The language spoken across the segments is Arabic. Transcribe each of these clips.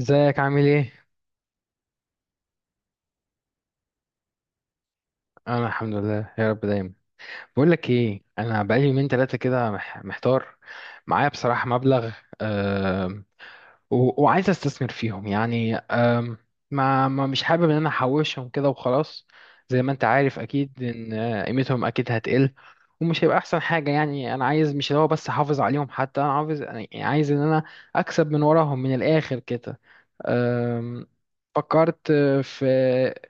ازيك عامل ايه؟ انا الحمد لله يا رب دايما. بقول لك ايه، انا بقالي يومين ثلاثه كده محتار. معايا بصراحه مبلغ، آه، وعايز استثمر فيهم، يعني ما مش حابب ان انا احوشهم كده وخلاص. زي ما انت عارف اكيد ان قيمتهم اكيد هتقل، ومش هيبقى احسن حاجة. يعني انا عايز مش اللي هو بس احافظ عليهم، حتى انا عاوز يعني عايز ان انا اكسب من وراهم من الاخر كده. أم، فكرت في،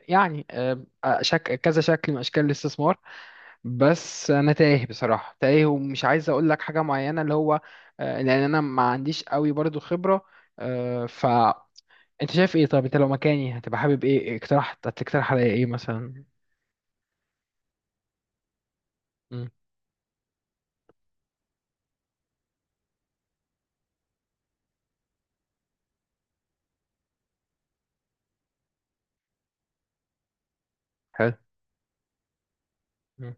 يعني كذا شكل من اشكال الاستثمار. بس انا تايه بصراحه، تايه، ومش عايز اقول لك حاجه معينه، اللي هو لان انا ما عنديش قوي برضو خبره. آه، ف انت شايف ايه؟ طب انت لو مكاني هتبقى حابب ايه؟ هتقترح عليا ايه مثلا؟ مم. حلو. مم.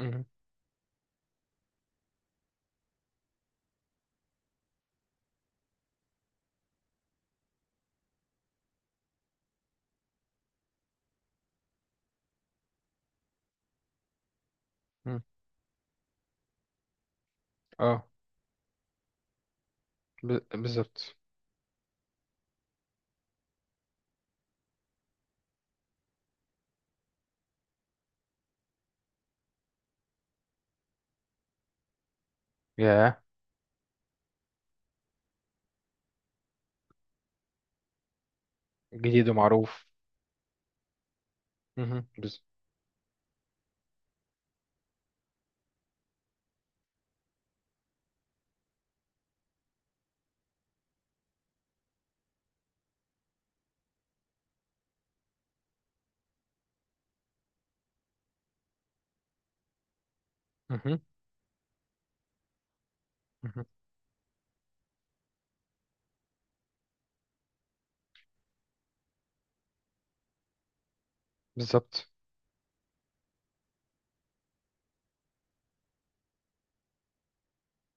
مم. مم. اه. بالظبط. ياه. جديد ومعروف. مهم. مهم. مهم. بالظبط.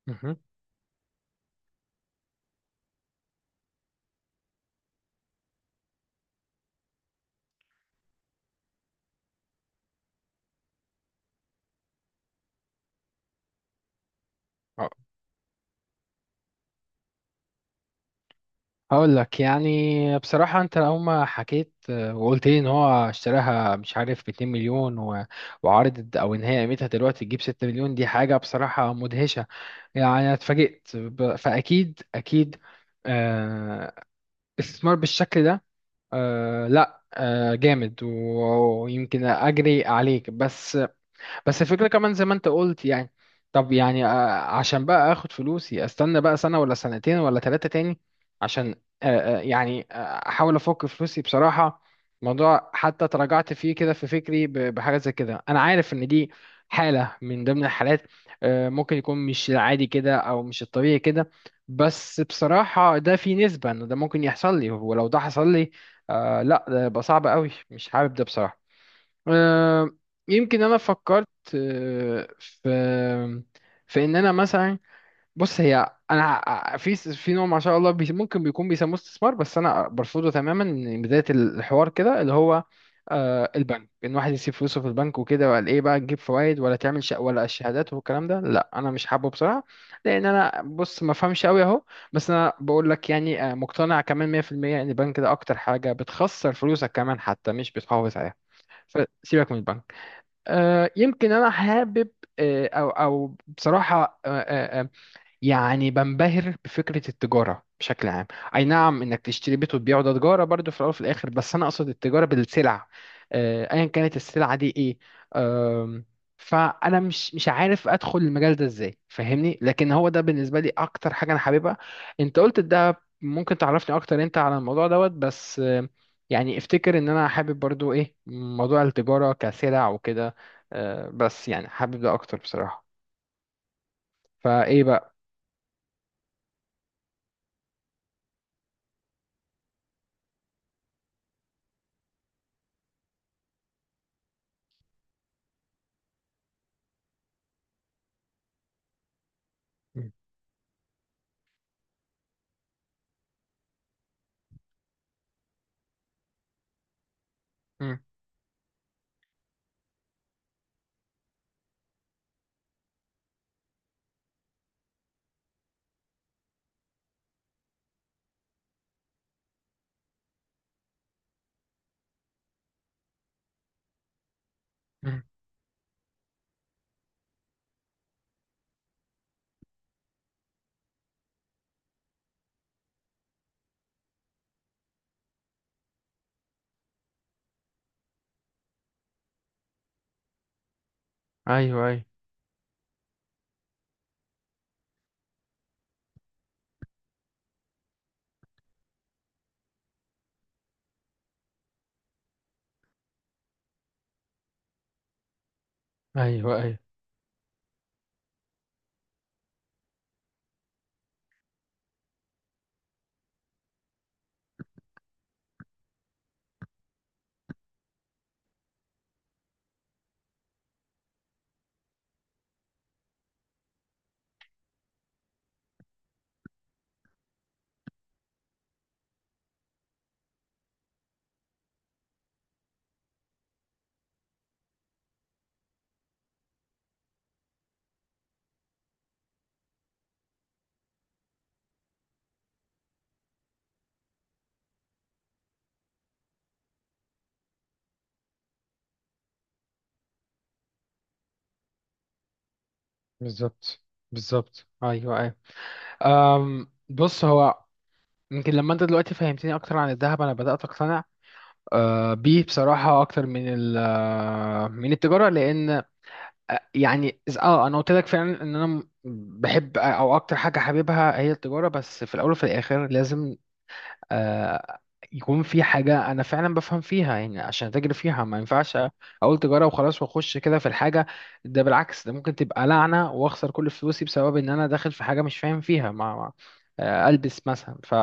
مهم. هقول لك، يعني بصراحة أنت لو ما حكيت وقلت لي إن هو اشتراها مش عارف ب 2 مليون وعرضت، أو إن هي قيمتها دلوقتي تجيب 6 مليون، دي حاجة بصراحة مدهشة. يعني أنا اتفاجئت فأكيد أكيد آه، استثمار بالشكل ده لا جامد ويمكن أجري عليك بس. بس الفكرة كمان زي ما انت قلت، يعني طب يعني عشان بقى اخد فلوسي استنى بقى سنة ولا سنتين ولا ثلاثة تاني، عشان آه، آه، يعني آه، احاول افك فلوسي بصراحة. موضوع حتى تراجعت فيه كده في فكري، بحاجة زي كده. انا عارف ان دي حالة من ضمن الحالات، ممكن يكون مش العادي كده او مش الطبيعي كده، بس بصراحة ده في نسبة ان ده ممكن يحصل لي، ولو ده حصل لي لا ده يبقى صعب قوي، مش حابب ده بصراحة. آه، يمكن انا فكرت آه، في في ان انا مثلا. بص، هي انا في نوع ما شاء الله، ممكن بيكون بيسموه استثمار، بس انا برفضه تماما من بدايه الحوار كده، اللي هو البنك. ان واحد يسيب فلوسه في البنك وكده، وقال ايه بقى، تجيب فوائد ولا تعمل شق ولا الشهادات والكلام ده، لا انا مش حابه بصراحه. لان انا بص ما فهمش قوي اهو. بس انا بقول لك، يعني مقتنع كمان 100% ان البنك ده اكتر حاجه بتخسر فلوسك، كمان حتى مش بتحافظ عليها. سيبك من البنك. يمكن انا حابب او بصراحه يعني بنبهر بفكرة التجارة بشكل عام. أي نعم، إنك تشتري بيت وتبيعه، ده تجارة برضو في الأول وفي الآخر، بس أنا أقصد التجارة بالسلع، أيا كانت السلعة دي إيه. آم، فأنا مش عارف أدخل المجال ده إزاي، فاهمني؟ لكن هو ده بالنسبة لي أكتر حاجة أنا حاببها. أنت قلت ده ممكن تعرفني أكتر أنت على الموضوع دوت، بس يعني افتكر إن أنا حابب برضو إيه موضوع التجارة كسلع وكده، بس يعني حابب ده أكتر بصراحة. فإيه بقى؟ مم. مم. ايوه ايوه ايوه ايوه. بالظبط. بالظبط، ايوه ايوه. بص، هو يمكن لما انت دلوقتي فهمتني اكتر عن الذهب، انا بدات اقتنع أه بيه بصراحه اكتر من ال آه، من التجاره. لان أه، يعني اه انا قلت لك فعلا ان انا بحب او اكتر حاجه حاببها هي التجاره، بس في الاول وفي الاخر لازم آه، يكون في حاجة أنا فعلا بفهم فيها، يعني عشان أتاجر فيها ما ينفعش أقول تجارة وخلاص وأخش كده في الحاجة. ده بالعكس، ده ممكن تبقى لعنة وأخسر كل فلوسي بسبب إن أنا داخل في حاجة مش فاهم فيها. ألبس مثلا.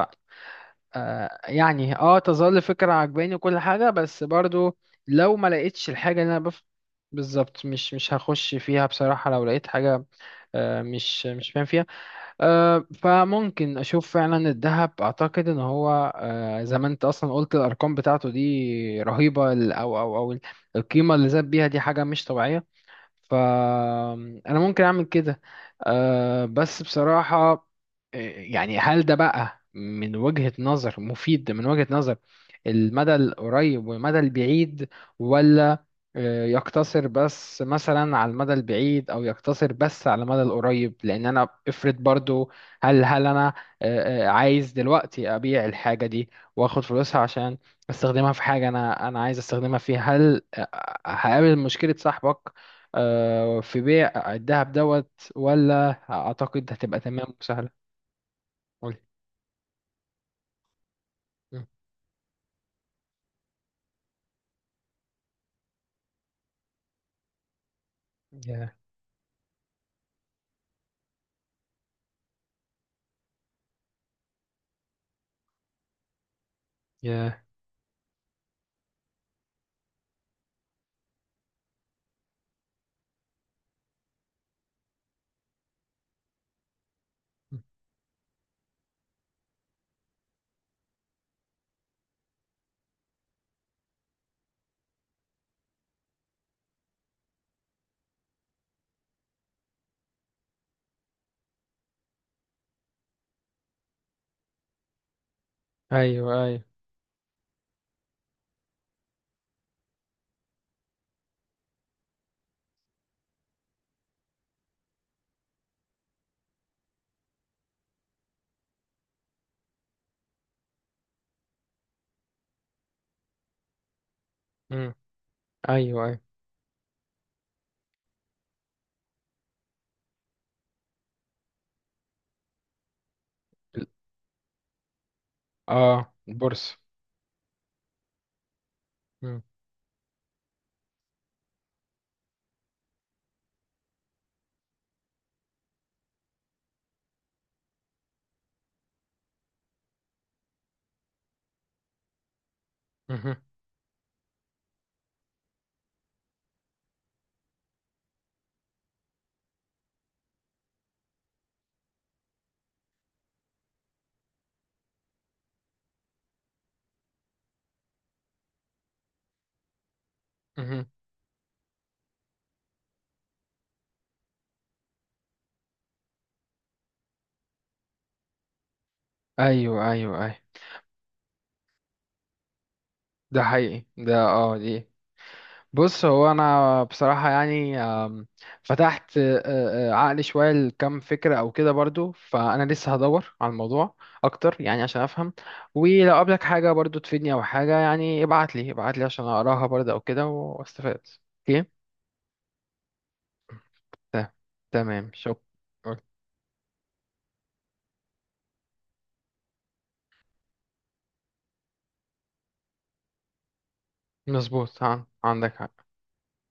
يعني أه تظل فكرة عجباني وكل حاجة، بس برضو لو ما لقيتش الحاجة اللي أنا بالظبط، مش هخش فيها بصراحة. لو لقيت حاجة مش فاهم، أه، فممكن اشوف فعلا الذهب. اعتقد ان هو أه، زي ما انت اصلا قلت، الارقام بتاعته دي رهيبه، او القيمه اللي زاد بيها دي حاجه مش طبيعيه. فأنا ممكن أعمل كده. أه بس بصراحة، يعني هل ده بقى من وجهة نظر مفيد من وجهة نظر المدى القريب والمدى البعيد، ولا يقتصر بس مثلا على المدى البعيد أو يقتصر بس على المدى القريب؟ لأن أنا افرض برضو، هل أنا عايز دلوقتي أبيع الحاجة دي وآخد فلوسها عشان استخدمها في حاجة، أنا عايز استخدمها فيها. هل هقابل مشكلة صاحبك في بيع الذهب دوت، ولا اعتقد هتبقى تمام وسهله؟ قولي. مم. يا يا. مم. ايوه ايوه. مم. ايوه ايوه. ال- اه، البورصه. مم. مهم. مهم. ايوه ايوه ايوه. ده حقيقي، ده اه، دي. بص، هو انا بصراحه يعني فتحت عقلي شويه لكم فكره او كده، برضو فانا لسه هدور على الموضوع اكتر، يعني عشان افهم. ولو قابلك حاجه برضو تفيدني او حاجه، يعني ابعت لي، عشان اقراها برضو او كده واستفاد. اوكي. ت- تمام، شكرا. مظبوط، عندك حق.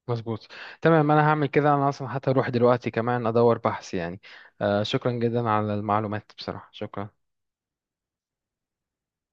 مظبوط. تمام، انا هعمل كده. انا اصلا حتى اروح دلوقتي كمان ادور بحث، يعني شكرا جدا على المعلومات بصراحه، شكرا.